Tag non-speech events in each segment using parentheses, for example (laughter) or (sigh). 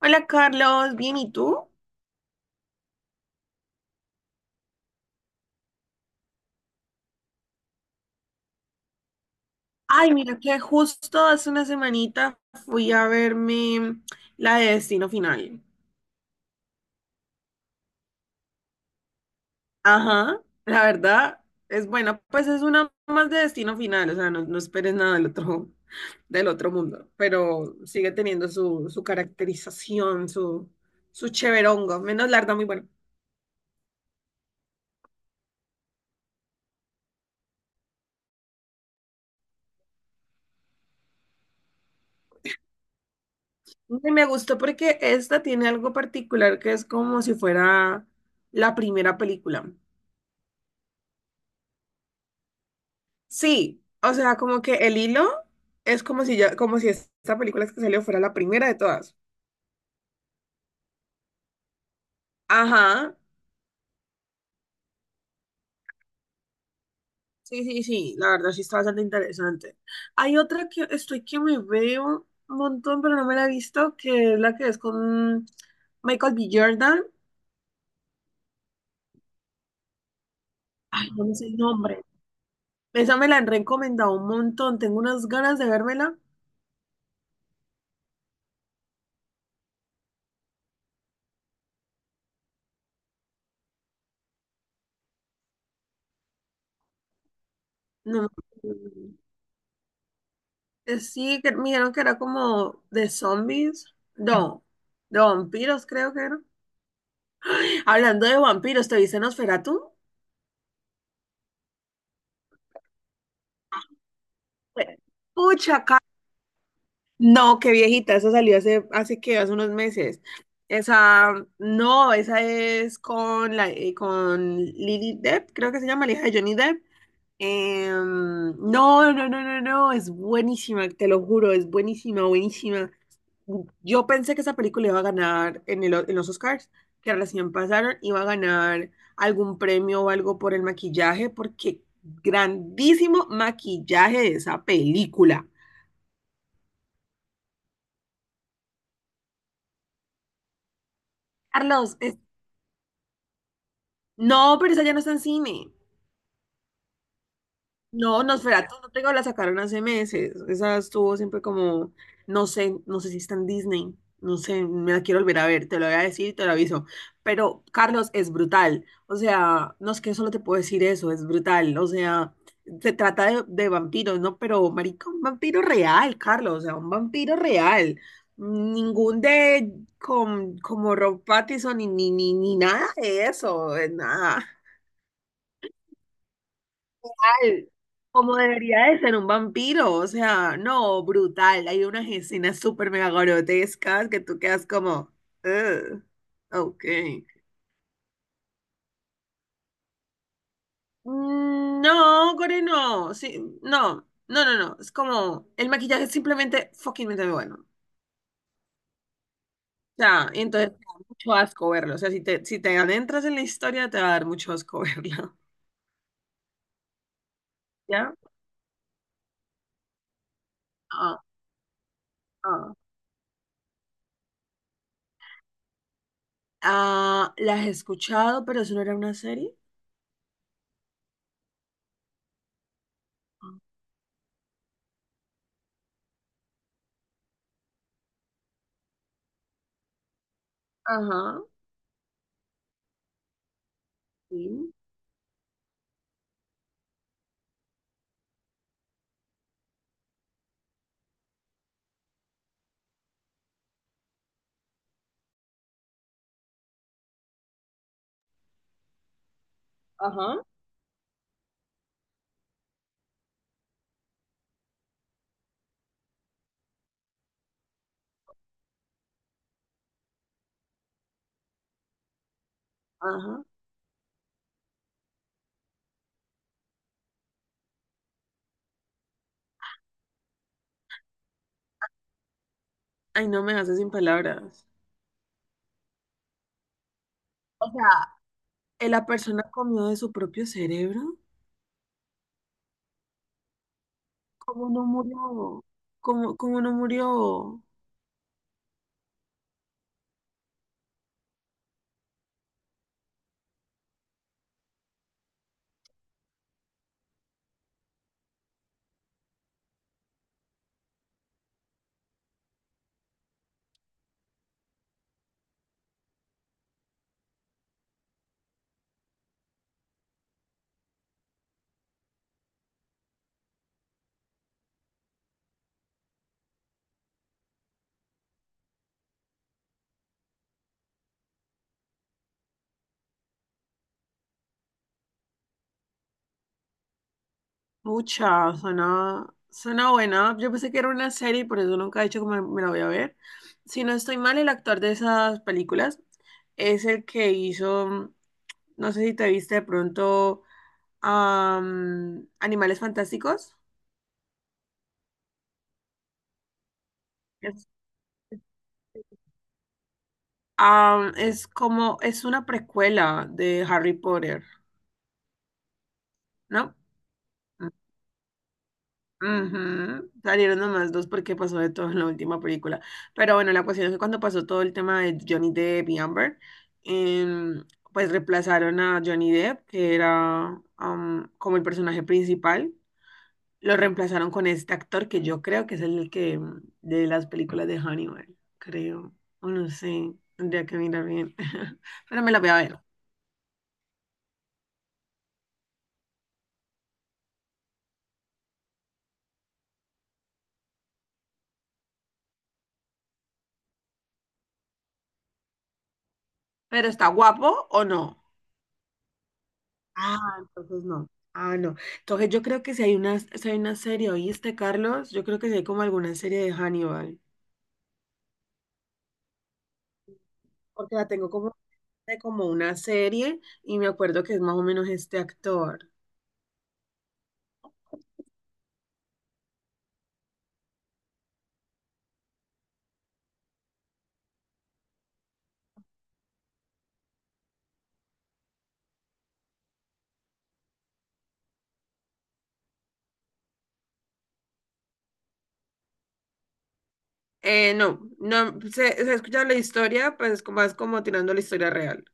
Hola Carlos, bien, ¿y tú? Ay, mira que justo hace una semanita fui a verme la de Destino Final. Ajá, la verdad es buena, pues es una más de Destino Final, o sea, no, no esperes nada del otro, (laughs) del otro mundo, pero sigue teniendo su caracterización, su cheverongo, menos larga, muy bueno. Y me gustó porque esta tiene algo particular que es como si fuera la primera película. Sí, o sea, como que el hilo es como si ya, como si esta película que salió fuera la primera de todas. Ajá. Sí, sí, sí, la verdad sí está bastante interesante. Hay otra que estoy que me veo un montón, pero no me la he visto, que es la que es con Michael B. Jordan. Ay, no me sé el nombre. Esa me la han recomendado un montón, tengo unas ganas de vérmela. No me acuerdo el nombre. Sí, que me dijeron que era como de zombies. No, de vampiros creo que era. Hablando de vampiros, ¿te viste Nosferatu? Pucha, no, qué viejita, esa salió hace unos meses. Esa, no, esa es con Lily Depp, creo que se llama, la hija de Johnny Depp. No, no, no, no, no, es buenísima, te lo juro, es buenísima, buenísima. Yo pensé que esa película iba a ganar en los Oscars, que recién pasaron, iba a ganar algún premio o algo por el maquillaje, porque grandísimo maquillaje de esa película. Carlos, no, pero esa ya no está en cine. No, Nosferatu no tengo, la sacaron hace meses. Esa estuvo siempre como, no sé, no sé si está en Disney, no sé, me la quiero volver a ver, te lo voy a decir y te lo aviso. Pero Carlos es brutal, o sea, no es que solo te puedo decir eso, es brutal, o sea, se trata de vampiros, ¿no? Pero, marica, un vampiro real, Carlos, o sea, un vampiro real. Ningún de, con, como Rob Pattinson ni nada de eso, nada brutal, como debería de ser un vampiro, o sea, no, brutal. Hay unas escenas súper mega grotescas que tú quedas como, "Ugh, ok." Mm, no, Core, no, sí, no, no, no, no, es como, el maquillaje es simplemente fucking bueno. O sea, y entonces te da mucho asco verlo, o sea, si te adentras en la historia te va a dar mucho asco verlo. (laughs) ¿Ya? Ah, ah. Ah, ¿la has escuchado, pero eso no era una serie? Ajá, sí, ajá. Ajá. Ay, no me hace sin palabras. O sea, ¿la persona comió de su propio cerebro? ¿Cómo no murió? ¿Cómo no murió? Mucha, suena buena. Yo pensé que era una serie y por eso nunca he dicho que me la voy a ver. Si no estoy mal, el actor de esas películas es el que hizo, no sé si te viste de pronto, Animales Fantásticos. Es, es como, es una precuela de Harry Potter, ¿no? Ujú. Salieron nomás dos porque pasó de todo en la última película. Pero bueno, la cuestión es que cuando pasó todo el tema de Johnny Depp y Amber, em, pues reemplazaron a Johnny Depp, que era como el personaje principal, lo reemplazaron con este actor que yo creo que es el que de las películas de Hannibal, creo. O no sé, tendría que mirar bien. (laughs) Pero me la voy a ver. ¿Pero está guapo o no? Ah, entonces no. Ah, no. Entonces yo creo que si hay una serie, ¿oíste, Carlos? Yo creo que si hay como alguna serie de Hannibal, porque la tengo como, de como una serie y me acuerdo que es más o menos este actor. No, no, se ha escuchado la historia, pues más como tirando la historia real.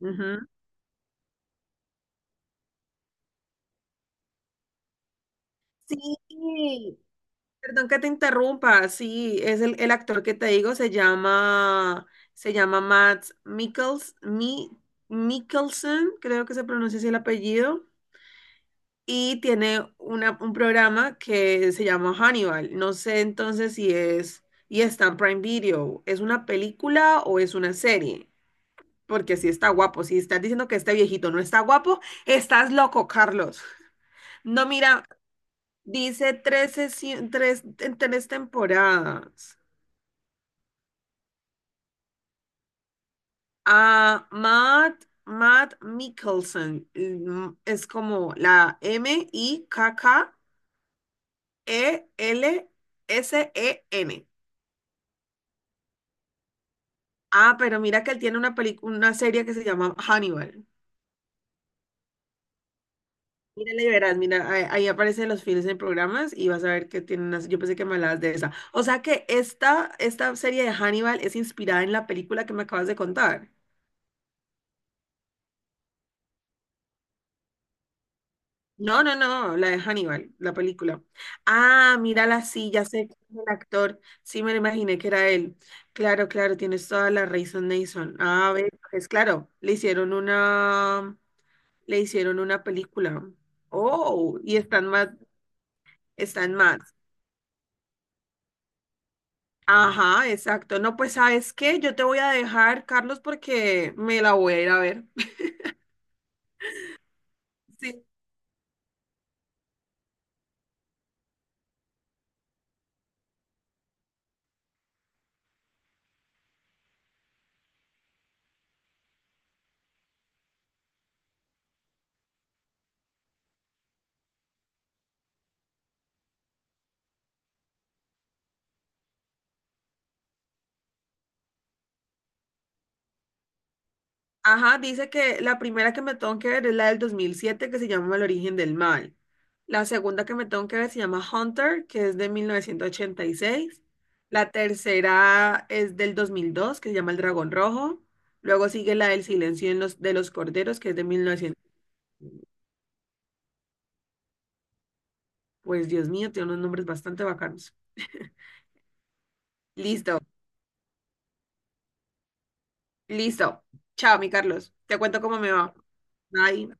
Ujú. Sí, perdón que te interrumpa, sí, es el actor que te digo, se llama Mikkelsen, creo que se pronuncia así el apellido. Y tiene un programa que se llama Hannibal. No sé entonces si es, y está en Prime Video, ¿es una película o es una serie? Porque si está guapo, si estás diciendo que este viejito no está guapo, estás loco, Carlos. No, mira, dice en tres temporadas. A Matt Mikkelsen, es como la Mikkelsen. Ah, pero mira que él tiene una película, una serie que se llama Hannibal. Mírala y verás, mira, ahí aparecen los fines en programas y vas a ver que tiene unas, yo pensé que me hablabas de esa. O sea que esta serie de Hannibal es inspirada en la película que me acabas de contar. No, no, no, la de Hannibal, la película. Ah, mírala, sí, ya sé quién es el actor. Sí, me lo imaginé que era él. Claro, claro, tienes toda la razón, Nason. Ah, ve, es claro, le hicieron una película. Oh, y están más. Ajá, exacto. No, pues ¿sabes qué? Yo te voy a dejar, Carlos, porque me la voy a ir a ver. (laughs) Sí. Ajá, dice que la primera que me tengo que ver es la del 2007 que se llama El origen del mal. La segunda que me tengo que ver se llama Hunter, que es de 1986. La tercera es del 2002 que se llama El Dragón Rojo. Luego sigue la del Silencio de los Corderos, que es de mil novecientos. Pues Dios mío, tiene unos nombres bastante bacanos. (laughs) Listo. Listo. Chao, mi Carlos. Te cuento cómo me va. Bye.